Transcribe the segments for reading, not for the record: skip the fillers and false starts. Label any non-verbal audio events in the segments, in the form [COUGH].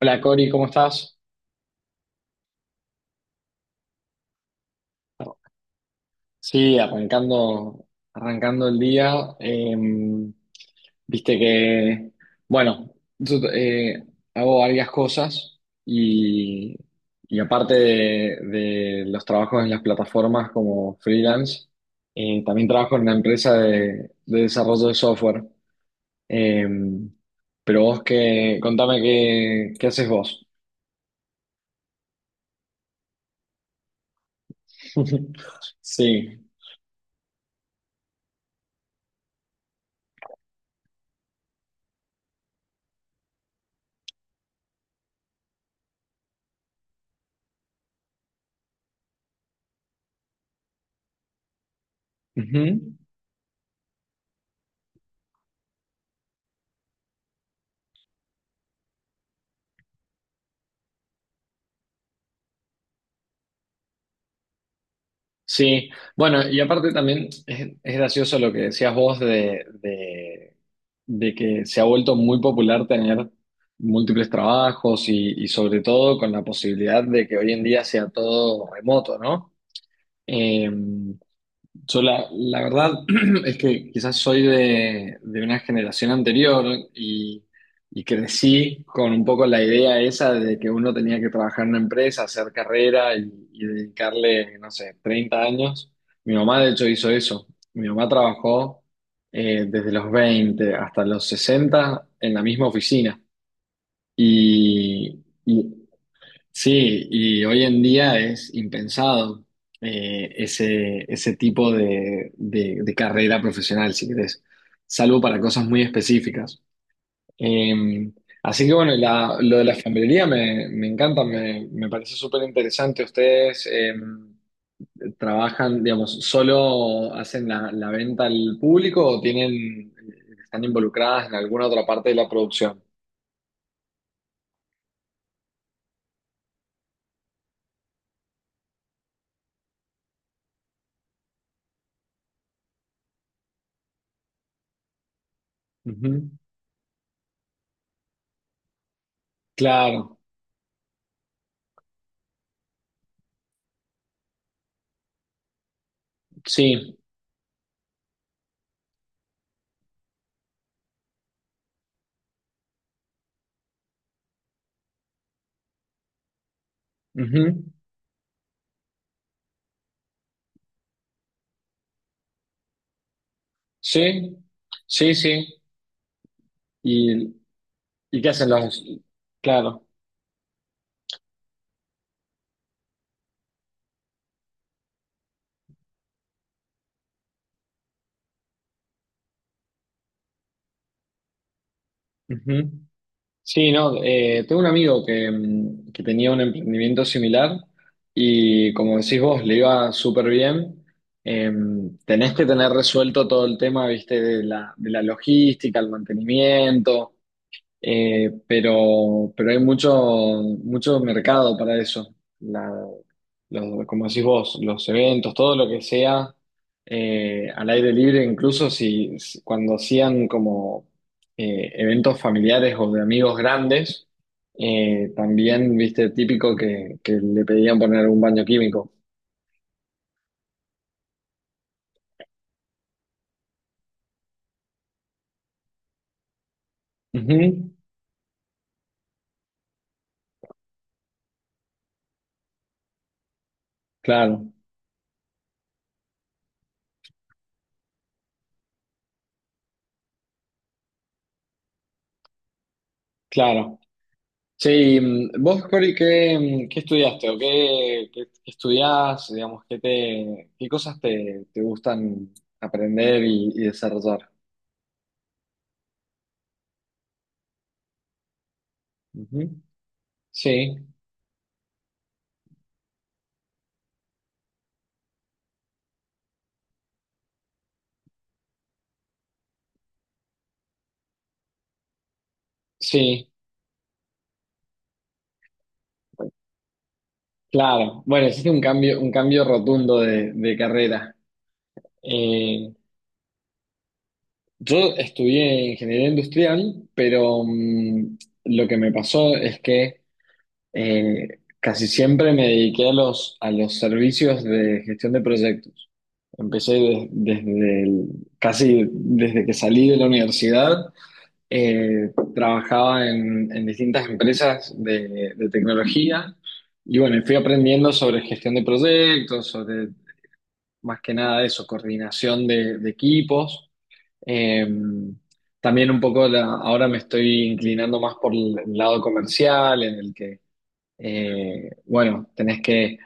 Hola Cori, ¿cómo estás? Sí, arrancando, arrancando el día. eh, Viste que, bueno, yo hago varias cosas y, y aparte de los trabajos en las plataformas como freelance, también trabajo en una empresa de desarrollo de software. Eh, pero vos, que contame qué, qué haces vos. [LAUGHS] Sí. Ujú. Sí, bueno, y aparte también es gracioso lo que decías vos de que se ha vuelto muy popular tener múltiples trabajos y sobre todo con la posibilidad de que hoy en día sea todo remoto, ¿no? Eh, yo la, la verdad [CLEARS THROAT] es que quizás soy de una generación anterior y, y crecí con un poco la idea esa de que uno tenía que trabajar en una empresa, hacer carrera y dedicarle, no sé, 30 años. Mi mamá de hecho hizo eso. Mi mamá trabajó desde los 20 hasta los 60 en la misma oficina. Y, y sí, y hoy en día es impensado ese, ese tipo de, de carrera profesional, si querés, salvo para cosas muy específicas. Eh, Así que bueno, y lo de la alfambrería me, me encanta, me parece súper interesante. Ustedes trabajan, digamos, ¿solo hacen la, la venta al público o tienen, están involucradas en alguna otra parte de la producción? Ujú. Claro, sí. Ujú. Sí, sí, sí. ¿Y, y qué hacen los...? Claro. Ujú. Sí, no, tengo un amigo que, que tenía un emprendimiento similar y como decís vos, le iba súper bien. Tenés que tener resuelto todo el tema, viste, de la logística, el mantenimiento, pero hay mucho, mucho mercado para eso. La- Como decís vos, los eventos, todo lo que sea al aire libre, incluso si, cuando hacían como eventos familiares o de amigos grandes, también, viste, típico que le pedían poner un baño químico. Ujú, claro, claro. Sí, vos, Cori, ¿qué, qué estudiaste o qué, qué estudiás? Digamos, ¿qué te, qué cosas te, te gustan aprender y desarrollar? Ujú, sí. Sí, claro. Bueno, existe un cambio rotundo de carrera. Eh, yo estudié ingeniería industrial, pero lo que me pasó es que eh, casi siempre me dediqué a los servicios de gestión de proyectos. Empecé desde casi desde que salí de la universidad. Trabajaba en distintas empresas de tecnología y bueno, fui aprendiendo sobre gestión de proyectos, sobre más que nada eso, coordinación de equipos. Eh, También un poco ahora me estoy inclinando más por el lado comercial, en el que bueno, tenés que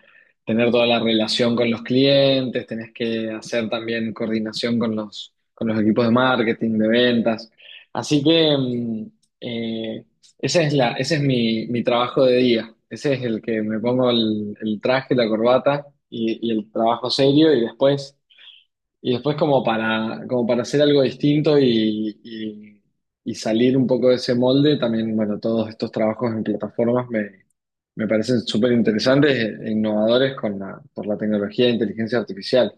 tener toda la relación con los clientes, tenés que hacer también coordinación con los equipos de marketing, de ventas. Así que eh, ese es la, ese es mi, mi trabajo de día. Ese es el que me pongo el traje, la corbata y el trabajo serio. Y después y después como para, como para hacer algo distinto y, y salir un poco de ese molde, también, bueno, todos estos trabajos en plataformas me, me parecen súper interesantes e innovadores con la, por la tecnología de inteligencia artificial.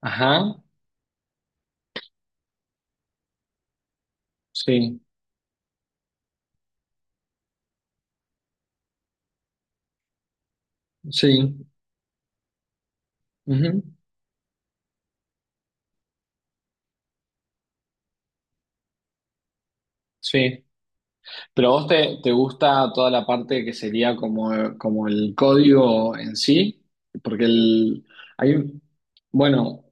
Ajá, sí, sí, ujú, sí. Pero a vos te, te gusta toda la parte que sería como, como el código en sí, porque el, hay, bueno,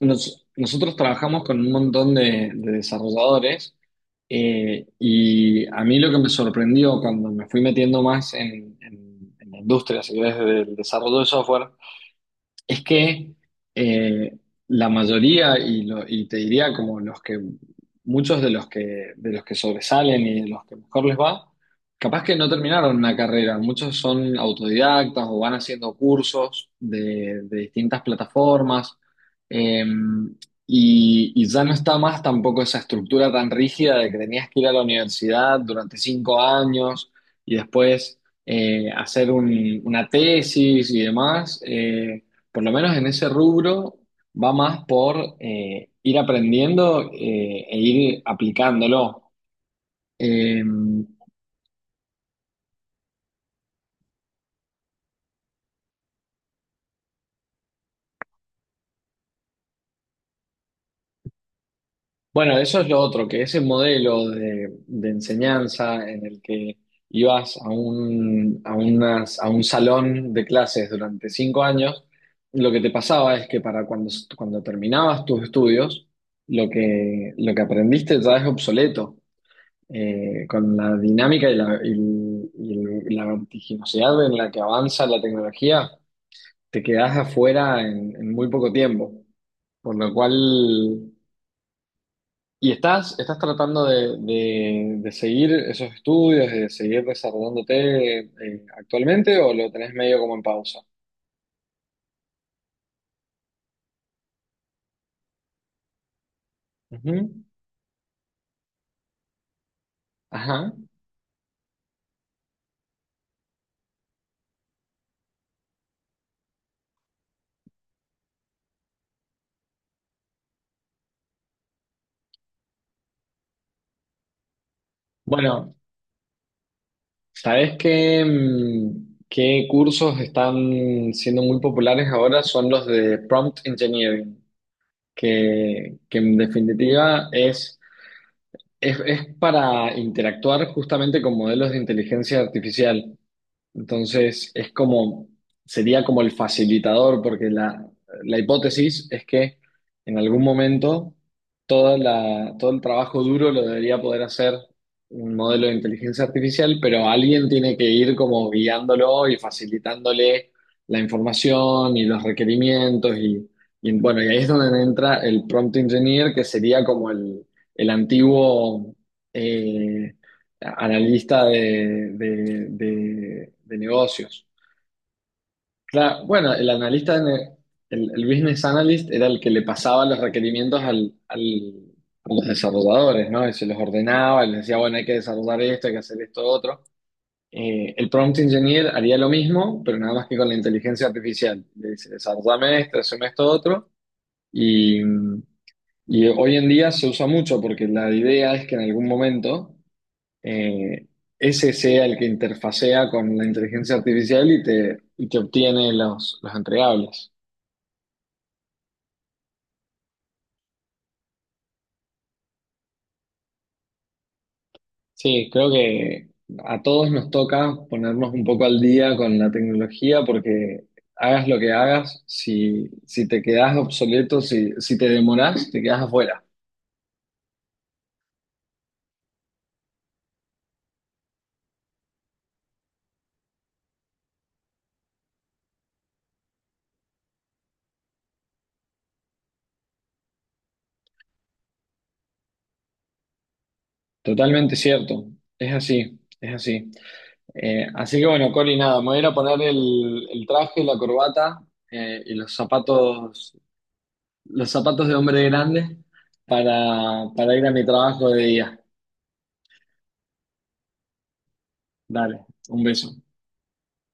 nosotros trabajamos con un montón de desarrolladores y a mí lo que me sorprendió cuando me fui metiendo más en, en la industria, si querés, del desarrollo de software, es que eh, la mayoría, y, y te diría como los que, muchos de los que sobresalen y de los que mejor les va, capaz que no terminaron una carrera, muchos son autodidactas o van haciendo cursos de distintas plataformas, eh, y ya no está más tampoco esa estructura tan rígida de que tenías que ir a la universidad durante 5 años y después hacer una tesis y demás. Por lo menos en ese rubro, va más por ir aprendiendo e ir aplicándolo. Eh, bueno, eso es lo otro, que ese modelo de enseñanza en el que ibas a un, a a un salón de clases durante 5 años, lo que te pasaba es que para cuando, cuando terminabas tus estudios, lo que aprendiste ya es obsoleto. Con la dinámica y la, y la vertiginosidad en la que avanza la tecnología, te quedás afuera en muy poco tiempo. Por lo cual, y estás, estás tratando de, de seguir esos estudios, de seguir desarrollándote actualmente, o lo tenés medio como en pausa. Ujú. Ajá. Bueno, ¿sabés qué, qué cursos están siendo muy populares ahora? Son los de prompt engineering. Que en definitiva es para interactuar justamente con modelos de inteligencia artificial. Entonces, es como, sería como el facilitador, porque la hipótesis es que en algún momento toda la, todo el trabajo duro lo debería poder hacer un modelo de inteligencia artificial, pero alguien tiene que ir como guiándolo y facilitándole la información y los requerimientos y bueno, y ahí es donde entra el prompt engineer, que sería como el antiguo... eh, analista de, de negocios. Claro, bueno, el analista, el business analyst era el que le pasaba los requerimientos al, a los desarrolladores, ¿no? Y se los ordenaba, y les decía, bueno, hay que desarrollar esto, hay que hacer esto, otro. El prompt engineer haría lo mismo, pero nada más que con la inteligencia artificial. Le dice, desarrollame esto, hazme esto, otro. Y, y hoy en día se usa mucho porque la idea es que en algún momento eh, ese sea el que interfacea con la inteligencia artificial y te obtiene los entregables. Sí, creo que a todos nos toca ponernos un poco al día con la tecnología porque hagas lo que hagas, si, si te quedás obsoleto, si, si te demorás, te quedás afuera. Totalmente cierto, es así, es así. Así que bueno, Cori, nada, me voy a ir a poner el traje, la corbata y los zapatos, los zapatos de hombre grande para ir a mi trabajo de día. Dale, un beso.